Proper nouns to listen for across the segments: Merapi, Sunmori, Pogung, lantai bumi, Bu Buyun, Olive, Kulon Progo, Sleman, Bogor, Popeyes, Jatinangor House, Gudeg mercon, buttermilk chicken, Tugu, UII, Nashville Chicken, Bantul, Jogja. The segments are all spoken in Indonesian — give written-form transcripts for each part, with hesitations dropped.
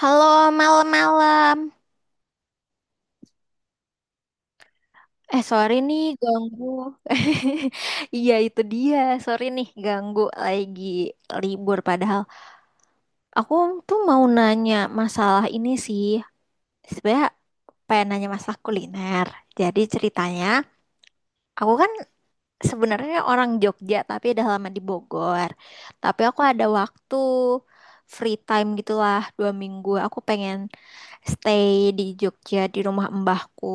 Halo, malam-malam. Eh, sorry nih, ganggu. Iya, itu dia. Sorry nih, ganggu lagi libur. Padahal aku tuh mau nanya masalah ini sih. Sebenernya pengen nanya masalah kuliner. Jadi ceritanya, aku kan sebenarnya orang Jogja, tapi udah lama di Bogor. Tapi aku ada waktu free time gitulah dua minggu. Aku pengen stay di Jogja di rumah mbahku.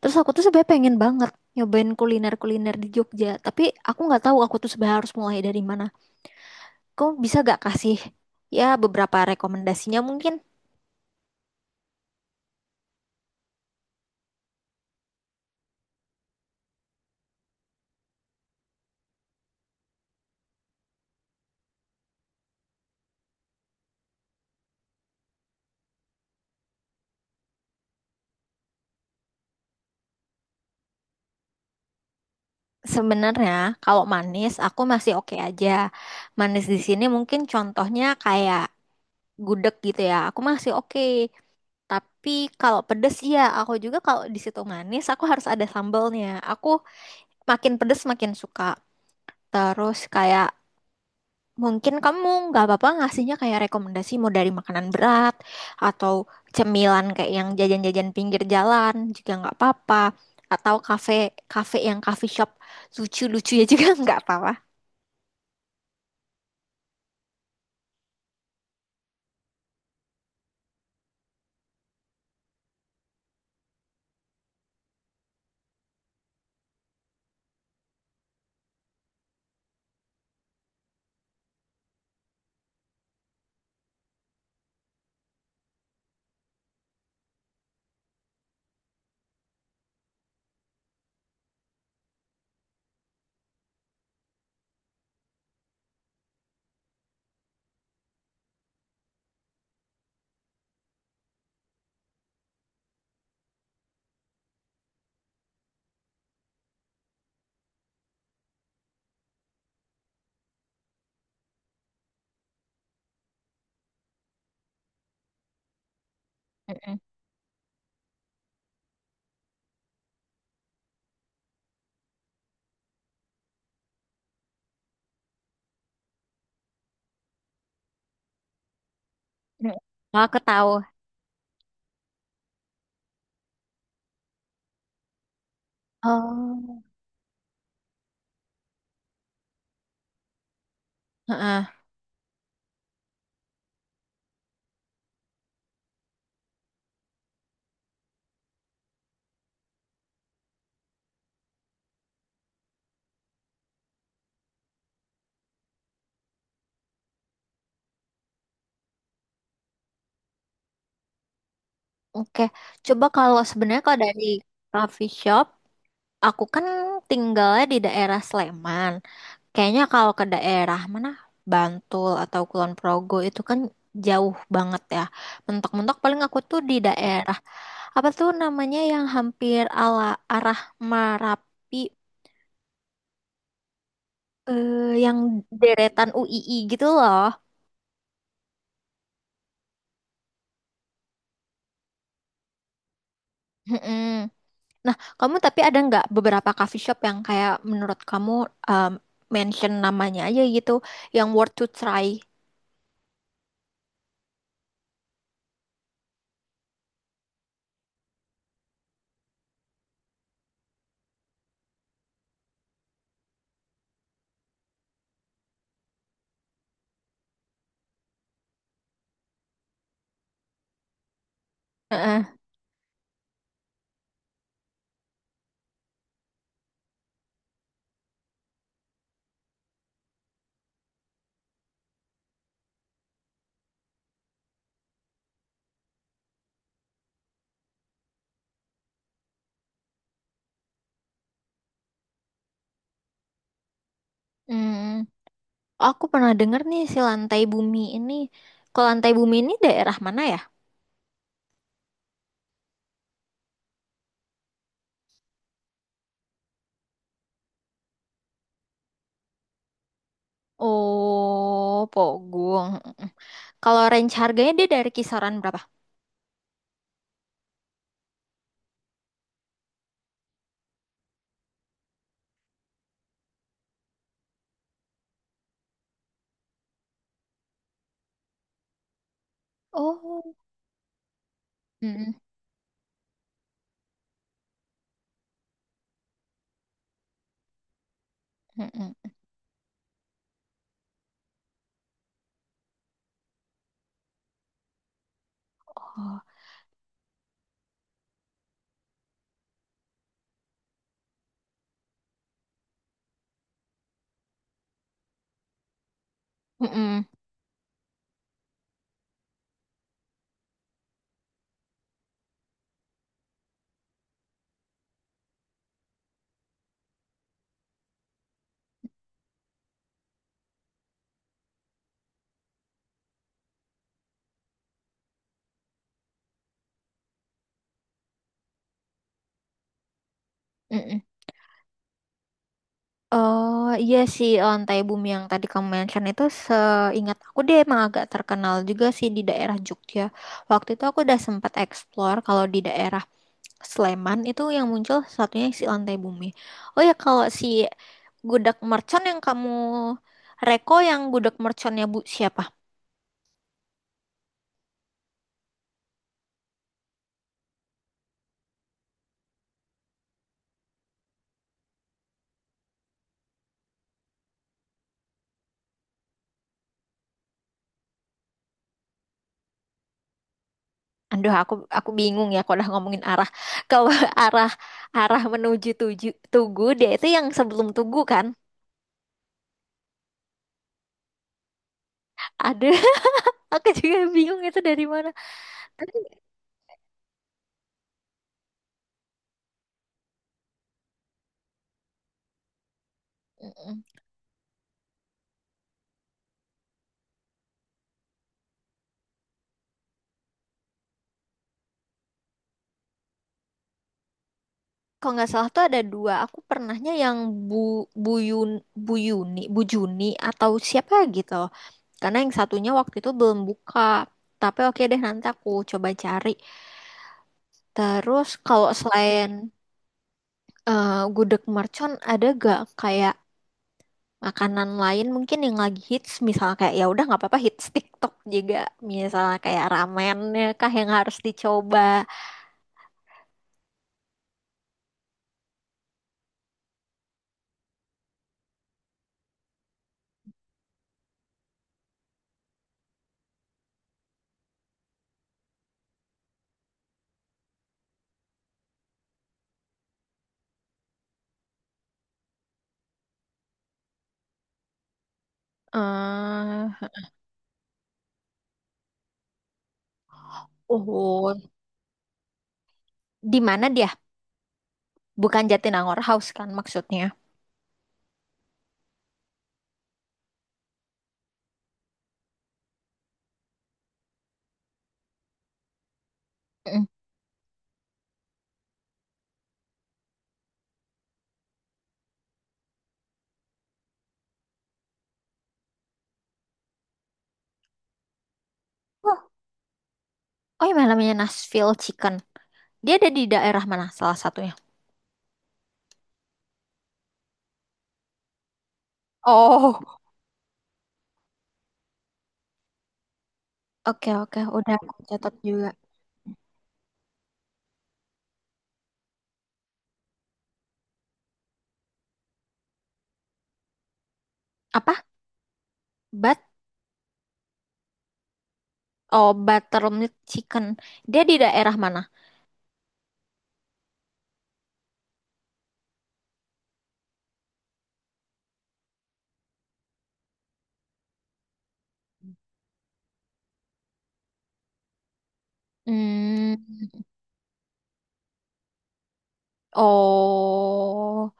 Terus aku tuh sebenarnya pengen banget nyobain kuliner-kuliner di Jogja, tapi aku nggak tahu aku tuh sebenarnya harus mulai dari mana. Kamu bisa gak kasih ya beberapa rekomendasinya mungkin? Sebenarnya kalau manis aku masih oke aja. Manis di sini mungkin contohnya kayak gudeg gitu ya. Aku masih oke. Tapi kalau pedes ya aku juga kalau di situ manis aku harus ada sambalnya. Aku makin pedes makin suka. Terus kayak mungkin kamu nggak apa-apa ngasihnya kayak rekomendasi mau dari makanan berat atau cemilan kayak yang jajan-jajan pinggir jalan juga nggak apa-apa. Atau kafe kafe yang coffee shop lucu-lucu ya juga nggak apa-apa. Mm-mm. Oh, aku tahu. Oh, heeh. Oke. Coba kalau sebenarnya kalau dari coffee shop, aku kan tinggalnya di daerah Sleman. Kayaknya kalau ke daerah mana Bantul atau Kulon Progo itu kan jauh banget ya. Mentok-mentok paling aku tuh di daerah apa tuh namanya yang hampir ala arah Merapi, eh, yang deretan UII gitu loh. Mm-mm. Nah, kamu tapi ada nggak beberapa coffee shop yang kayak menurut kamu, um, mention namanya aja gitu yang worth to try? Heeh. Mm. Aku pernah dengar nih si lantai bumi ini. Kalau lantai bumi ini daerah mana ya? Oh, Pogung. Mm-mm. Kalau range harganya dia dari kisaran berapa? Oh. Mm-mm. Mm-mm. Oh. Mm-mm. Mm-mm. Oh, iya sih lantai bumi yang tadi kamu mention itu seingat aku dia emang agak terkenal juga sih di daerah Jogja. Waktu itu aku udah sempat explore kalau di daerah Sleman itu yang muncul satunya si lantai bumi. Oh ya kalau si gudeg mercon yang kamu yang gudeg merconnya Bu siapa? Aduh, aku bingung ya kalau udah ngomongin arah. Kalau arah arah menuju Tugu, dia itu yang sebelum Tugu kan? Aduh, aku juga bingung itu dari mana. Tapi mm, kalau nggak salah tuh ada dua. Aku pernahnya yang Bu Buyun Buyuni, Bu Yuni, Bu Juni atau siapa gitu. Karena yang satunya waktu itu belum buka. Tapi oke deh nanti aku coba cari. Terus kalau selain gudeg mercon ada gak kayak makanan lain mungkin yang lagi hits misal kayak ya udah nggak apa-apa hits TikTok juga misalnya kayak ramennya kah yang harus dicoba. Eh, oh, di mana dia, bukan Jatinangor House kan maksudnya? Mm. Oh, oh yang namanya Nashville Chicken, dia ada di daerah mana salah satunya? Oh, oke oke, udah aku catat juga. Apa? but oh, buttermilk chicken, dia di daerah mana? Hmm. Oh,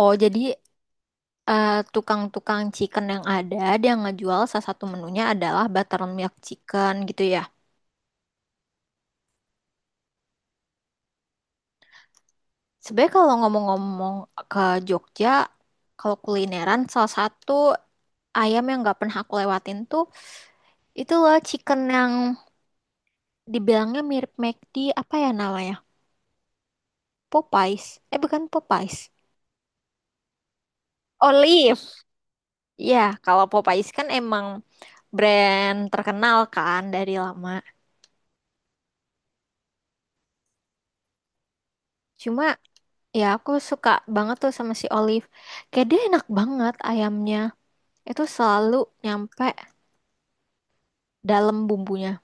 oh jadi, eh, tukang-tukang chicken yang ada dia ngejual salah satu menunya adalah buttermilk chicken gitu ya. Sebenarnya kalau ngomong-ngomong ke Jogja, kalau kulineran salah satu ayam yang nggak pernah aku lewatin tuh itu loh chicken yang dibilangnya mirip McD apa ya namanya? Popeyes. Eh bukan Popeyes. Olive. Ya, kalau Popeyes kan emang brand terkenal kan dari lama. Cuma ya, aku suka banget tuh sama si Olive. Kayak dia enak banget ayamnya. Itu selalu nyampe dalam bumbunya.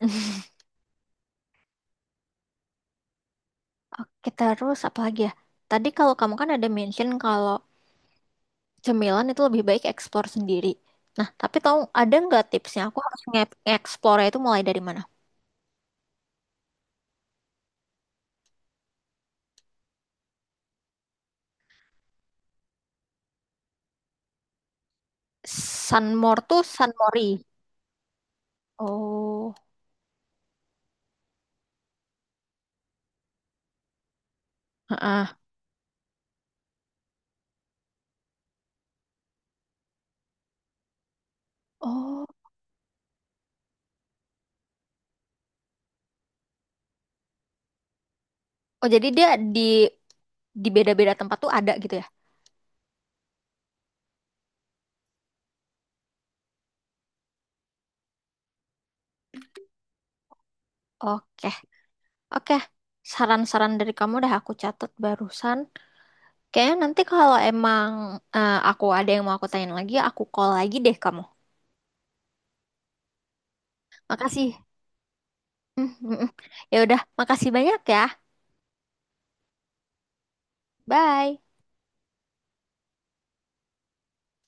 Oke, terus apa lagi ya? Tadi kalau kamu kan ada mention kalau cemilan itu lebih baik eksplor sendiri. Nah, tapi tahu ada nggak tipsnya? Aku harus nge-explore-nya itu mulai dari mana? Sunmore tuh Sunmori. Oh, heeh. Oh, oh jadi dia di beda-beda tempat tuh ada gitu ya? Oke, Oke, saran-saran dari kamu udah aku catat barusan. Kayaknya nanti kalau emang, aku ada yang mau aku tanyain lagi, aku call lagi deh kamu. Makasih. Mm, mm, mm. Ya udah, makasih banyak ya. Bye.